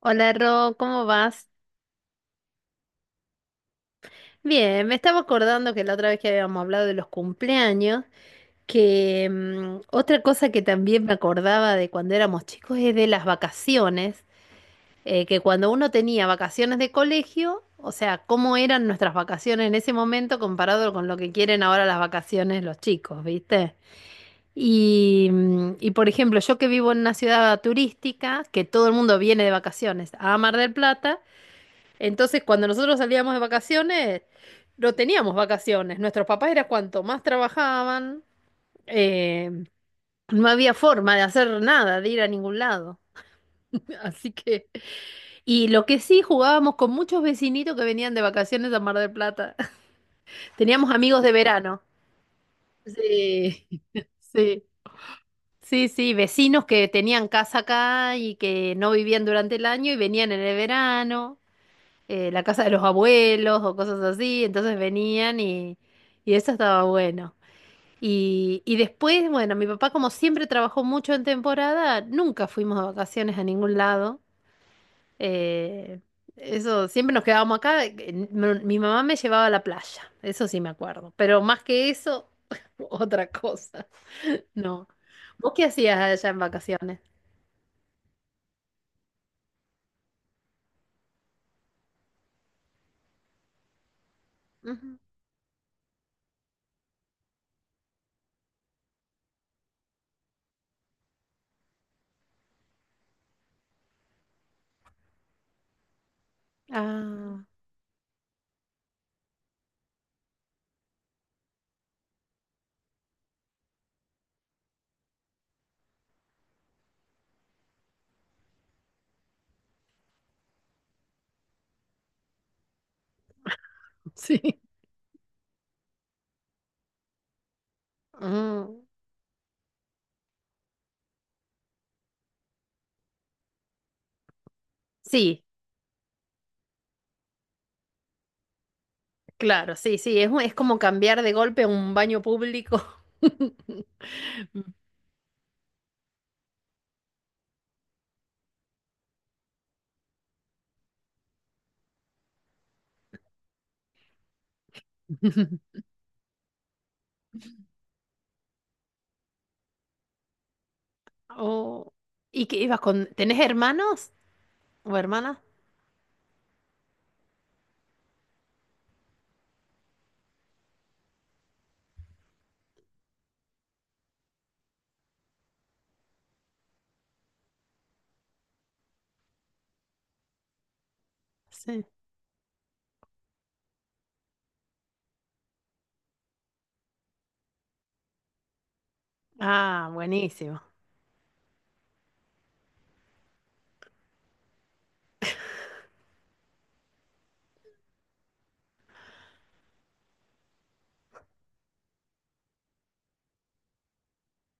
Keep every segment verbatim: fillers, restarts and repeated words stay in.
Hola Ro, ¿cómo vas? Bien, me estaba acordando que la otra vez que habíamos hablado de los cumpleaños, que mm, otra cosa que también me acordaba de cuando éramos chicos es de las vacaciones, eh, que cuando uno tenía vacaciones de colegio, o sea, cómo eran nuestras vacaciones en ese momento comparado con lo que quieren ahora las vacaciones los chicos, ¿viste? Y, mm, y por ejemplo, yo que vivo en una ciudad turística, que todo el mundo viene de vacaciones a Mar del Plata. Entonces, cuando nosotros salíamos de vacaciones, no teníamos vacaciones. Nuestros papás era cuanto más trabajaban, eh, no había forma de hacer nada, de ir a ningún lado. Así que, y lo que sí jugábamos con muchos vecinitos que venían de vacaciones a Mar del Plata. Teníamos amigos de verano. Sí, sí, sí, sí, vecinos que tenían casa acá y que no vivían durante el año y venían en el verano. Eh, la casa de los abuelos o cosas así, entonces venían y, y eso estaba bueno. Y, y después, bueno, mi papá como siempre trabajó mucho en temporada, nunca fuimos de vacaciones a ningún lado. eh, Eso, siempre nos quedábamos acá. eh, Mi mi mamá me llevaba a la playa, eso sí me acuerdo, pero más que eso, otra cosa. No. ¿Vos qué hacías allá en vacaciones? Ujú. Ah, sí. Mm. Sí. Claro, sí, sí, es, un- es como cambiar de golpe a un baño público. Oh, ¿y qué ibas con? ¿Tenés hermanos o hermanas? Sí. Ah, buenísimo.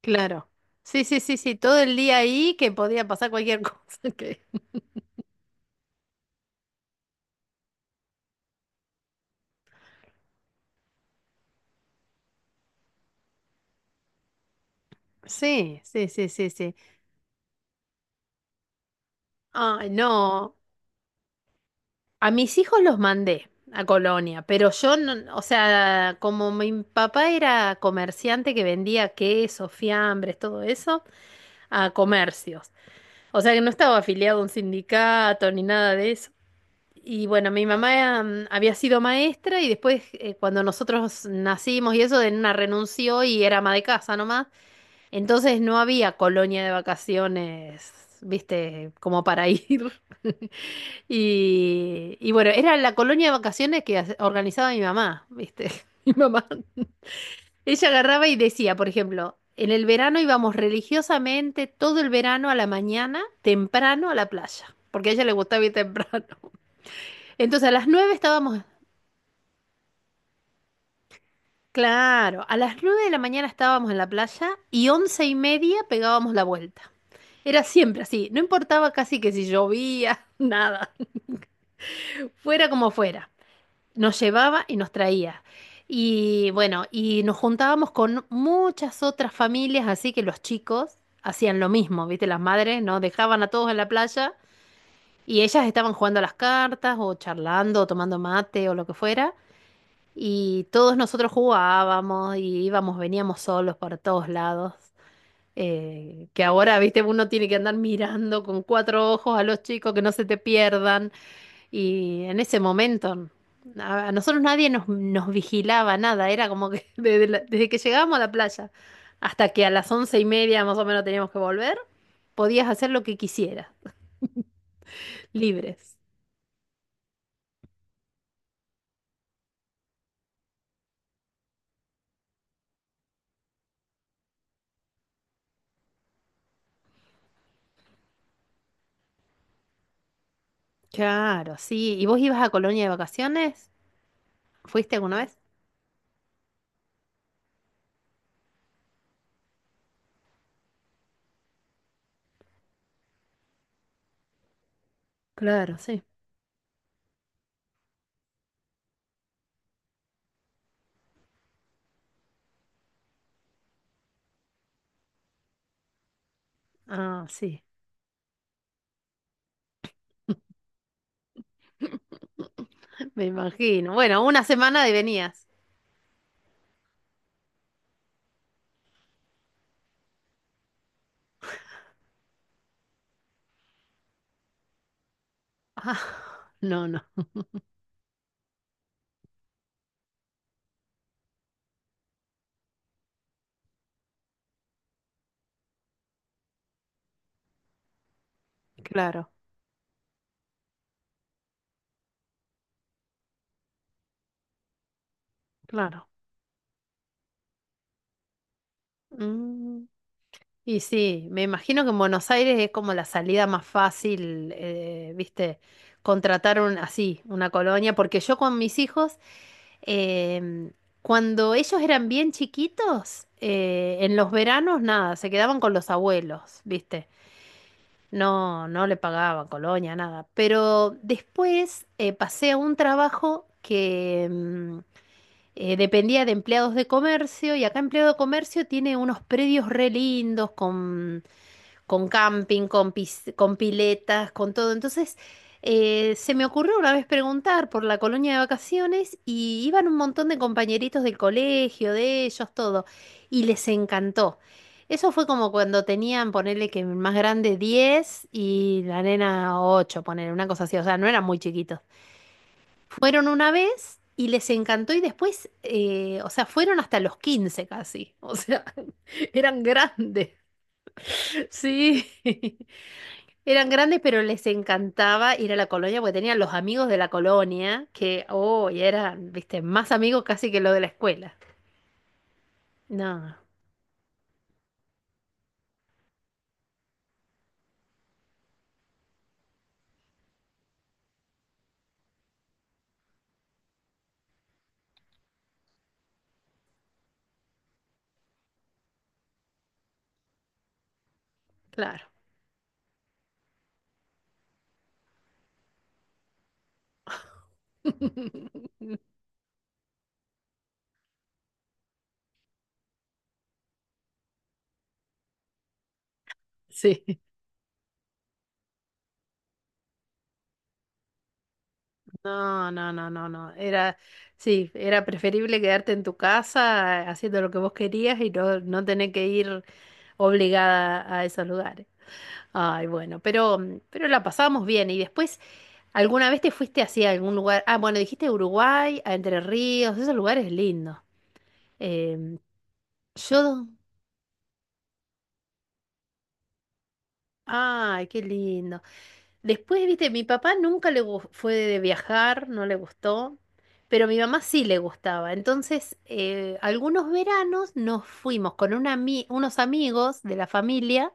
Claro. Sí, sí, sí, sí, todo el día ahí que podía pasar cualquier cosa. que- Sí, sí, sí, sí, sí. Ay, no, a mis hijos los mandé a Colonia, pero yo no, o sea, como mi papá era comerciante que vendía quesos, fiambres, todo eso. A comercios. O sea que no estaba afiliado a un sindicato ni nada de eso. Y bueno, mi mamá mm, había sido maestra y después eh, cuando nosotros nacimos y eso, de una renunció y era ama de casa nomás. Entonces no había colonia de vacaciones, viste, como para ir. Y, y bueno, era la colonia de vacaciones que hace- organizaba mi mamá, viste. Mi mamá ella agarraba y decía, por ejemplo, en el verano íbamos religiosamente todo el verano a la mañana, temprano a la playa, porque a ella le gustaba ir temprano. Entonces a las nueve estábamos, claro, a las nueve de la mañana estábamos en la playa y once y media pegábamos la vuelta. Era siempre así, no importaba casi que si llovía, nada, fuera como fuera. Nos llevaba y nos traía. Y bueno, y nos juntábamos con muchas otras familias, así que los chicos hacían lo mismo, ¿viste? Las madres nos dejaban a todos en la playa y ellas estaban jugando a las cartas o charlando o tomando mate o lo que fuera. Y todos nosotros jugábamos y íbamos, veníamos solos para todos lados. Eh, que ahora, viste, uno tiene que andar mirando con cuatro ojos a los chicos que no se te pierdan. Y en ese momento a, a nosotros nadie nos, nos vigilaba nada, era como que desde, la- desde que llegábamos a la playa hasta que a las once y media más o menos teníamos que volver, podías hacer lo que quisieras, libres. Claro, sí. ¿Y vos ibas a Colonia de vacaciones? ¿Fuiste alguna vez? Claro, sí. Ah, sí, me imagino. Bueno, una semana de venías. Ah, no, no. Claro, claro. Mm. Y sí, me imagino que en Buenos Aires es como la salida más fácil, eh, viste, contratar un, así, una colonia, porque yo con mis hijos, em, cuando ellos eran bien chiquitos, eh, en los veranos nada, se quedaban con los abuelos, viste, no, no le pagaban colonia, nada, pero después eh, pasé a un trabajo que em, eh, dependía de empleados de comercio y acá empleado de comercio tiene unos predios re lindos con con camping, con, pis- con piletas, con todo. Entonces, eh, se me ocurrió una vez preguntar por la colonia de vacaciones y iban un montón de compañeritos del colegio, de ellos, todo, y les encantó. Eso fue como cuando tenían, ponerle que el más grande diez y la nena ocho ponerle una cosa así, o sea, no eran muy chiquitos. Fueron una vez y les encantó y después, eh, o sea, fueron hasta los quince casi, o sea, eran grandes. Sí. Eran grandes, pero les encantaba ir a la colonia porque tenían los amigos de la colonia, que, oh, y eran, viste, más amigos casi que los de la escuela. No, claro. Sí. No, no, no, no, no. Era, sí, era preferible quedarte en tu casa eh, haciendo lo que vos querías y no, no tener que ir obligada a esos lugares. Ay, bueno, pero, mm, pero la pasábamos bien. Y después, ¿alguna vez te fuiste así a algún lugar? Ah, bueno, dijiste Uruguay, a Entre Ríos, esos lugares lindos. Em, yo, ay, qué lindo. Después, viste, mi papá nunca le gu- fue de viajar, no le gustó, pero a mi mamá sí le gustaba. Entonces, eh, algunos veranos nos fuimos con una ami- unos amigos de la familia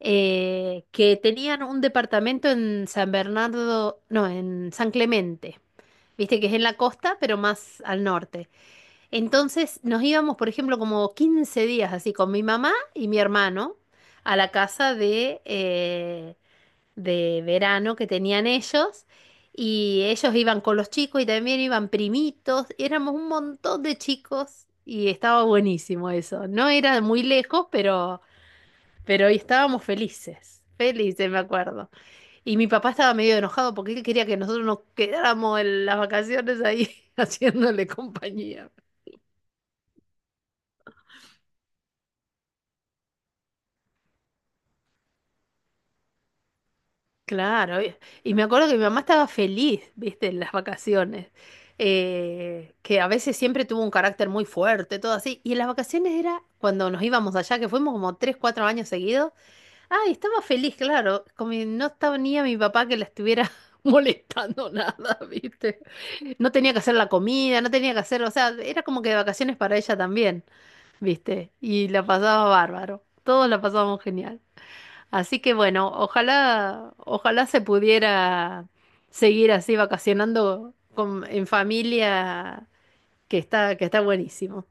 eh, que tenían un departamento en San Bernardo, no, en San Clemente. Viste que es en la costa, pero más al norte. Entonces nos íbamos, por ejemplo, como quince días así con mi mamá y mi hermano a la casa de, eh, de verano que tenían ellos. Y ellos iban con los chicos y también iban primitos. Éramos un montón de chicos y estaba buenísimo eso. No era muy lejos, pero, pero estábamos felices. Felices, me acuerdo. Y mi papá estaba medio enojado porque él quería que nosotros nos quedáramos en las vacaciones ahí haciéndole compañía. Claro, y y me acuerdo que mi mamá estaba feliz, viste, en las vacaciones, eh, que a veces siempre tuvo un carácter muy fuerte, todo así, y en las vacaciones era cuando nos íbamos allá, que fuimos como tres, cuatro años seguidos, ay, estaba feliz, claro, como que no estaba ni a mi papá que la estuviera molestando nada, viste, no tenía que hacer la comida, no tenía que hacer, o sea, era como que de vacaciones para ella también. ¿Viste? Y la pasaba bárbaro. Todos la pasábamos genial. Así que bueno, ojalá, ojalá se pudiera seguir así vacacionando con, en familia, que está, que está buenísimo.